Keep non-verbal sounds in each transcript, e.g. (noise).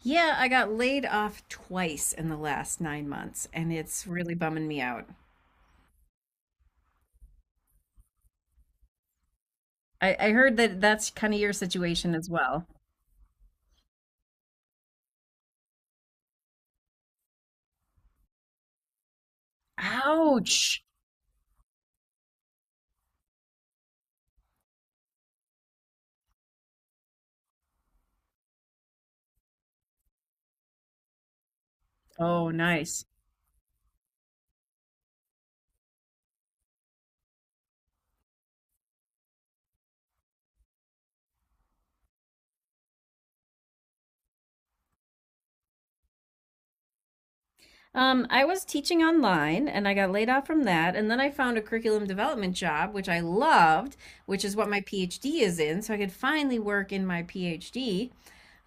Yeah, I got laid off twice in the last 9 months, and it's really bumming me out. I heard that that's kind of your situation as well. Ouch. Oh, nice. I was teaching online and I got laid off from that. And then I found a curriculum development job, which I loved, which is what my PhD is in. So I could finally work in my PhD.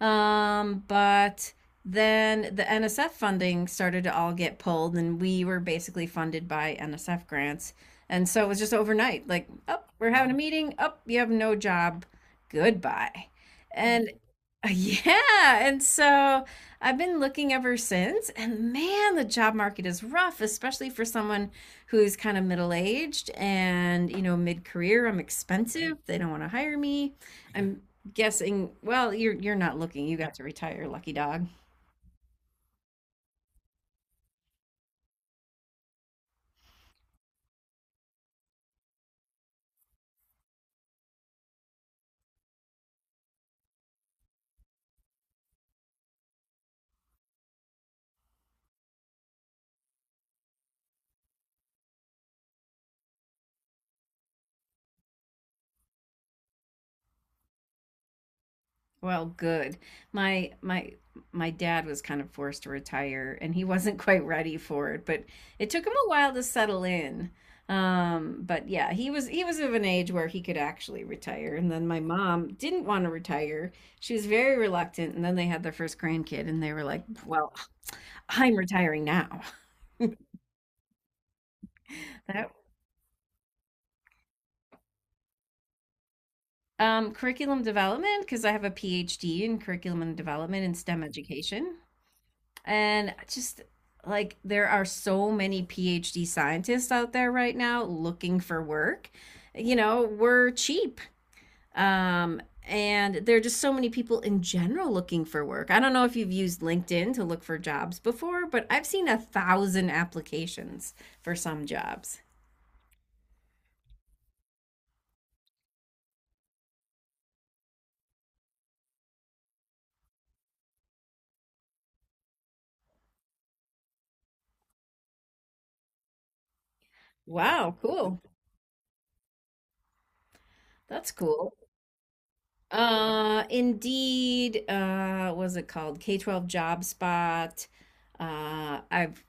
But then the NSF funding started to all get pulled, and we were basically funded by NSF grants. And so it was just overnight, like, oh, we're having a meeting. Oh, you have no job. Goodbye. Oh. And (laughs) yeah, and so I've been looking ever since, and man, the job market is rough, especially for someone who's kind of middle aged and, you know, mid career. I'm expensive. They don't want to hire me. I'm guessing, well, you're not looking. You got to retire, lucky dog. Well, good. My my my dad was kind of forced to retire and he (laughs) wasn't quite ready for it, but it took him a while to settle in. But yeah, he was of an age where he could actually retire. And then my mom didn't want to retire. She was very reluctant, and then they had their first grandkid and they were like, "Well, I'm retiring now." (laughs) That curriculum development because I have a PhD in curriculum and development in STEM education. And just like there are so many PhD scientists out there right now looking for work. You know, we're cheap. Um, and there are just so many people in general looking for work. I don't know if you've used LinkedIn to look for jobs before, but I've seen a thousand applications for some jobs. Wow, cool. That's cool. Indeed, what was it called? K-12 Job Spot. I've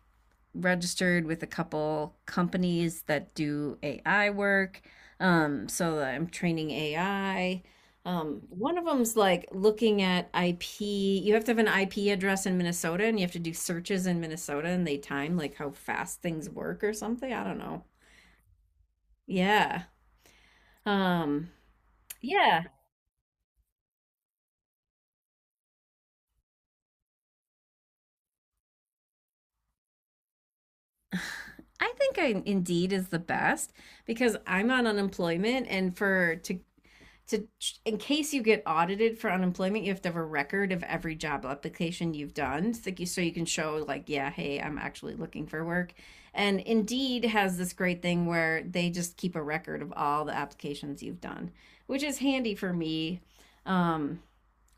registered with a couple companies that do AI work. So I'm training AI. One of them's like looking at IP. You have to have an IP address in Minnesota and you have to do searches in Minnesota and they time like how fast things work or something. I don't know. Yeah. Um, yeah. Indeed is the best because I'm on unemployment and for to in case you get audited for unemployment, you have to have a record of every job application you've done, so you can show like, yeah, hey, I'm actually looking for work. And Indeed has this great thing where they just keep a record of all the applications you've done, which is handy for me. Um,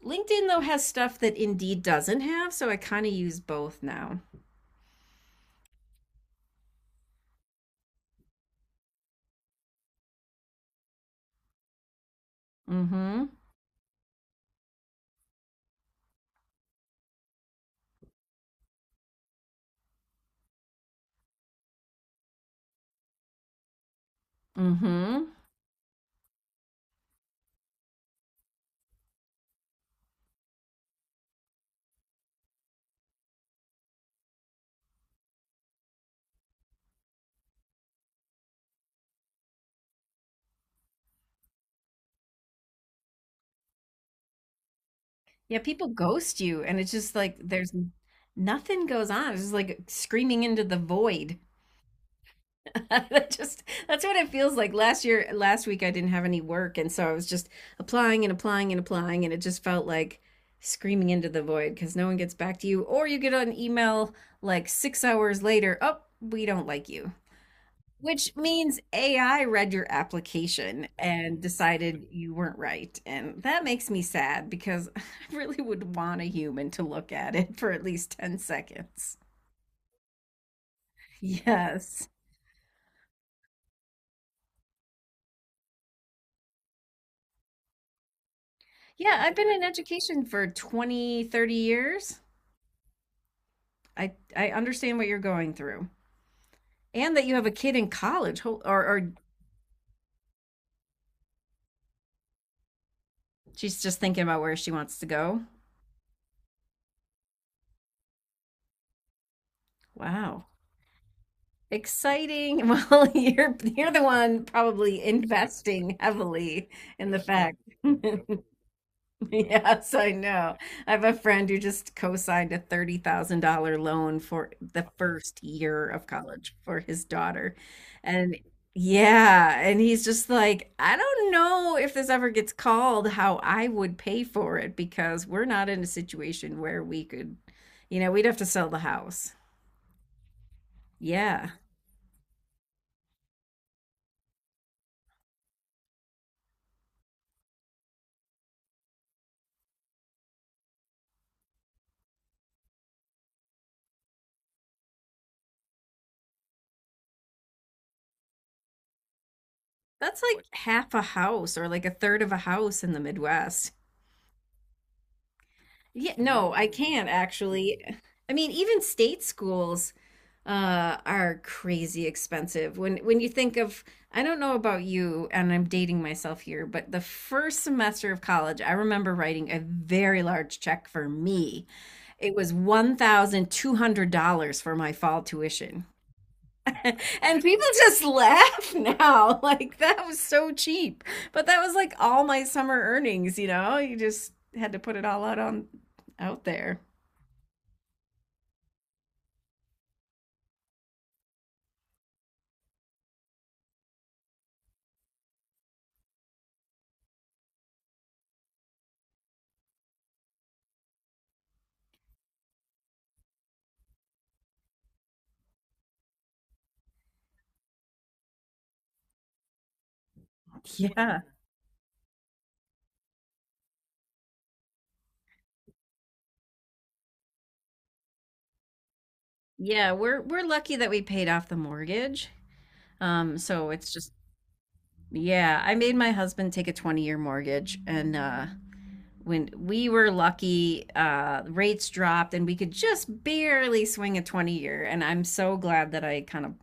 LinkedIn though has stuff that Indeed doesn't have, so I kind of use both now. Mm-hmm. Mm-hmm. Yeah, people ghost you, and it's just like there's nothing goes on. It's just like screaming into the void. (laughs) that just that's what it feels like. Last year, last week, I didn't have any work, and so I was just applying and applying and applying, and it just felt like screaming into the void because no one gets back to you, or you get an email like 6 hours later, oh, we don't like you, which means AI read your application and decided you weren't right, and that makes me sad because (laughs) I really would want a human to look at it for at least 10 seconds. Yes. Yeah, I've been in education for 20, 30 years. I understand what you're going through. And that you have a kid in college or she's just thinking about where she wants to go. Wow. Exciting. (laughs) Well, you're the one probably investing heavily in the fact. (laughs) (laughs) Yes, I know. I have a friend who just co-signed a $30,000 loan for the first year of college for his daughter. And yeah, and he's just like, I don't know if this ever gets called how I would pay for it because we're not in a situation where we could, you know, we'd have to sell the house. Yeah. That's like half a house or like a third of a house in the Midwest. Yeah, no, I can actually. I mean, even state schools are crazy expensive. When you think of, I don't know about you, and I'm dating myself here, but the first semester of college, I remember writing a very large check for me. It was $1,200 for my fall tuition. (laughs) And people just laugh now, (laughs) like that was so cheap. But that was like all my summer earnings, you know? You just had to put it all out there. Yeah. Yeah, we're lucky that we paid off the mortgage. So it's just Yeah, I made my husband take a 20-year mortgage and when we were lucky, rates dropped and we could just barely swing a 20-year and I'm so glad that I kind of,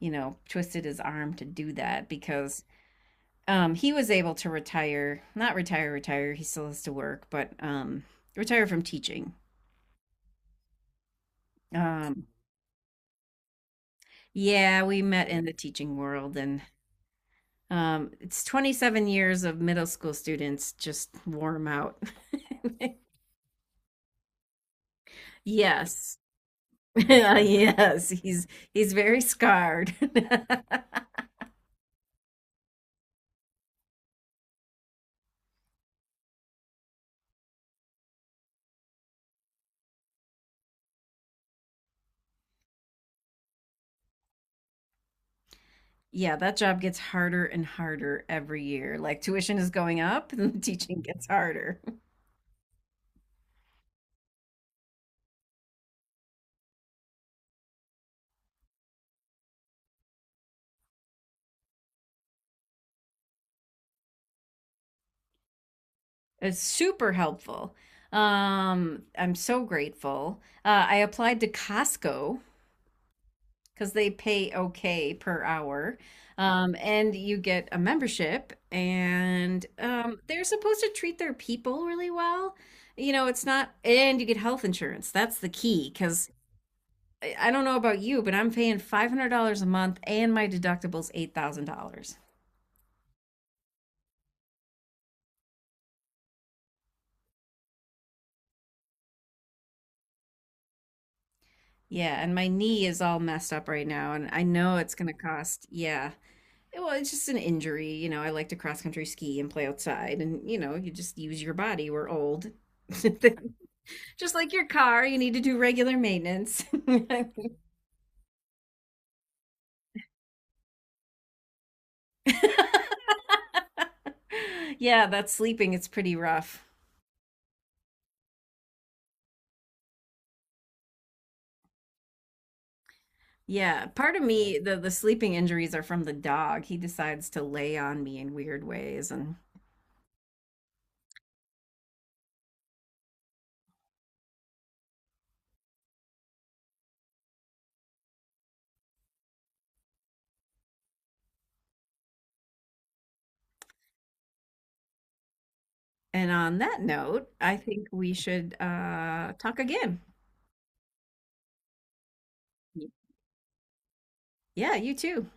you know, twisted his arm to do that because he was able to retire, not retire retire, he still has to work, but retire from teaching. Um yeah, we met in the teaching world and it's 27 years of middle school students just warm out. (laughs) Yes. (laughs) Yes, he's very scarred. (laughs) Yeah, that job gets harder and harder every year. Like tuition is going up (laughs) and the teaching gets harder. (laughs) It's super helpful. I'm so grateful. I applied to Costco because they pay okay per hour. And you get a membership, and they're supposed to treat their people really well. You know, it's not, and you get health insurance. That's the key because I don't know about you, but I'm paying $500 a month and my deductible's $8,000. Yeah, and my knee is all messed up right now, and I know it's going to cost, yeah. Well, it's just an injury. You know, I like to cross country ski and play outside, and you know, you just use your body. We're old. (laughs) Just like your car, you need to do regular maintenance. (laughs) Yeah, that's sleeping. It's pretty rough. Yeah, part of me, the sleeping injuries are from the dog. He decides to lay on me in weird ways. And on that note, I think we should talk again. Y- Yeah, you too.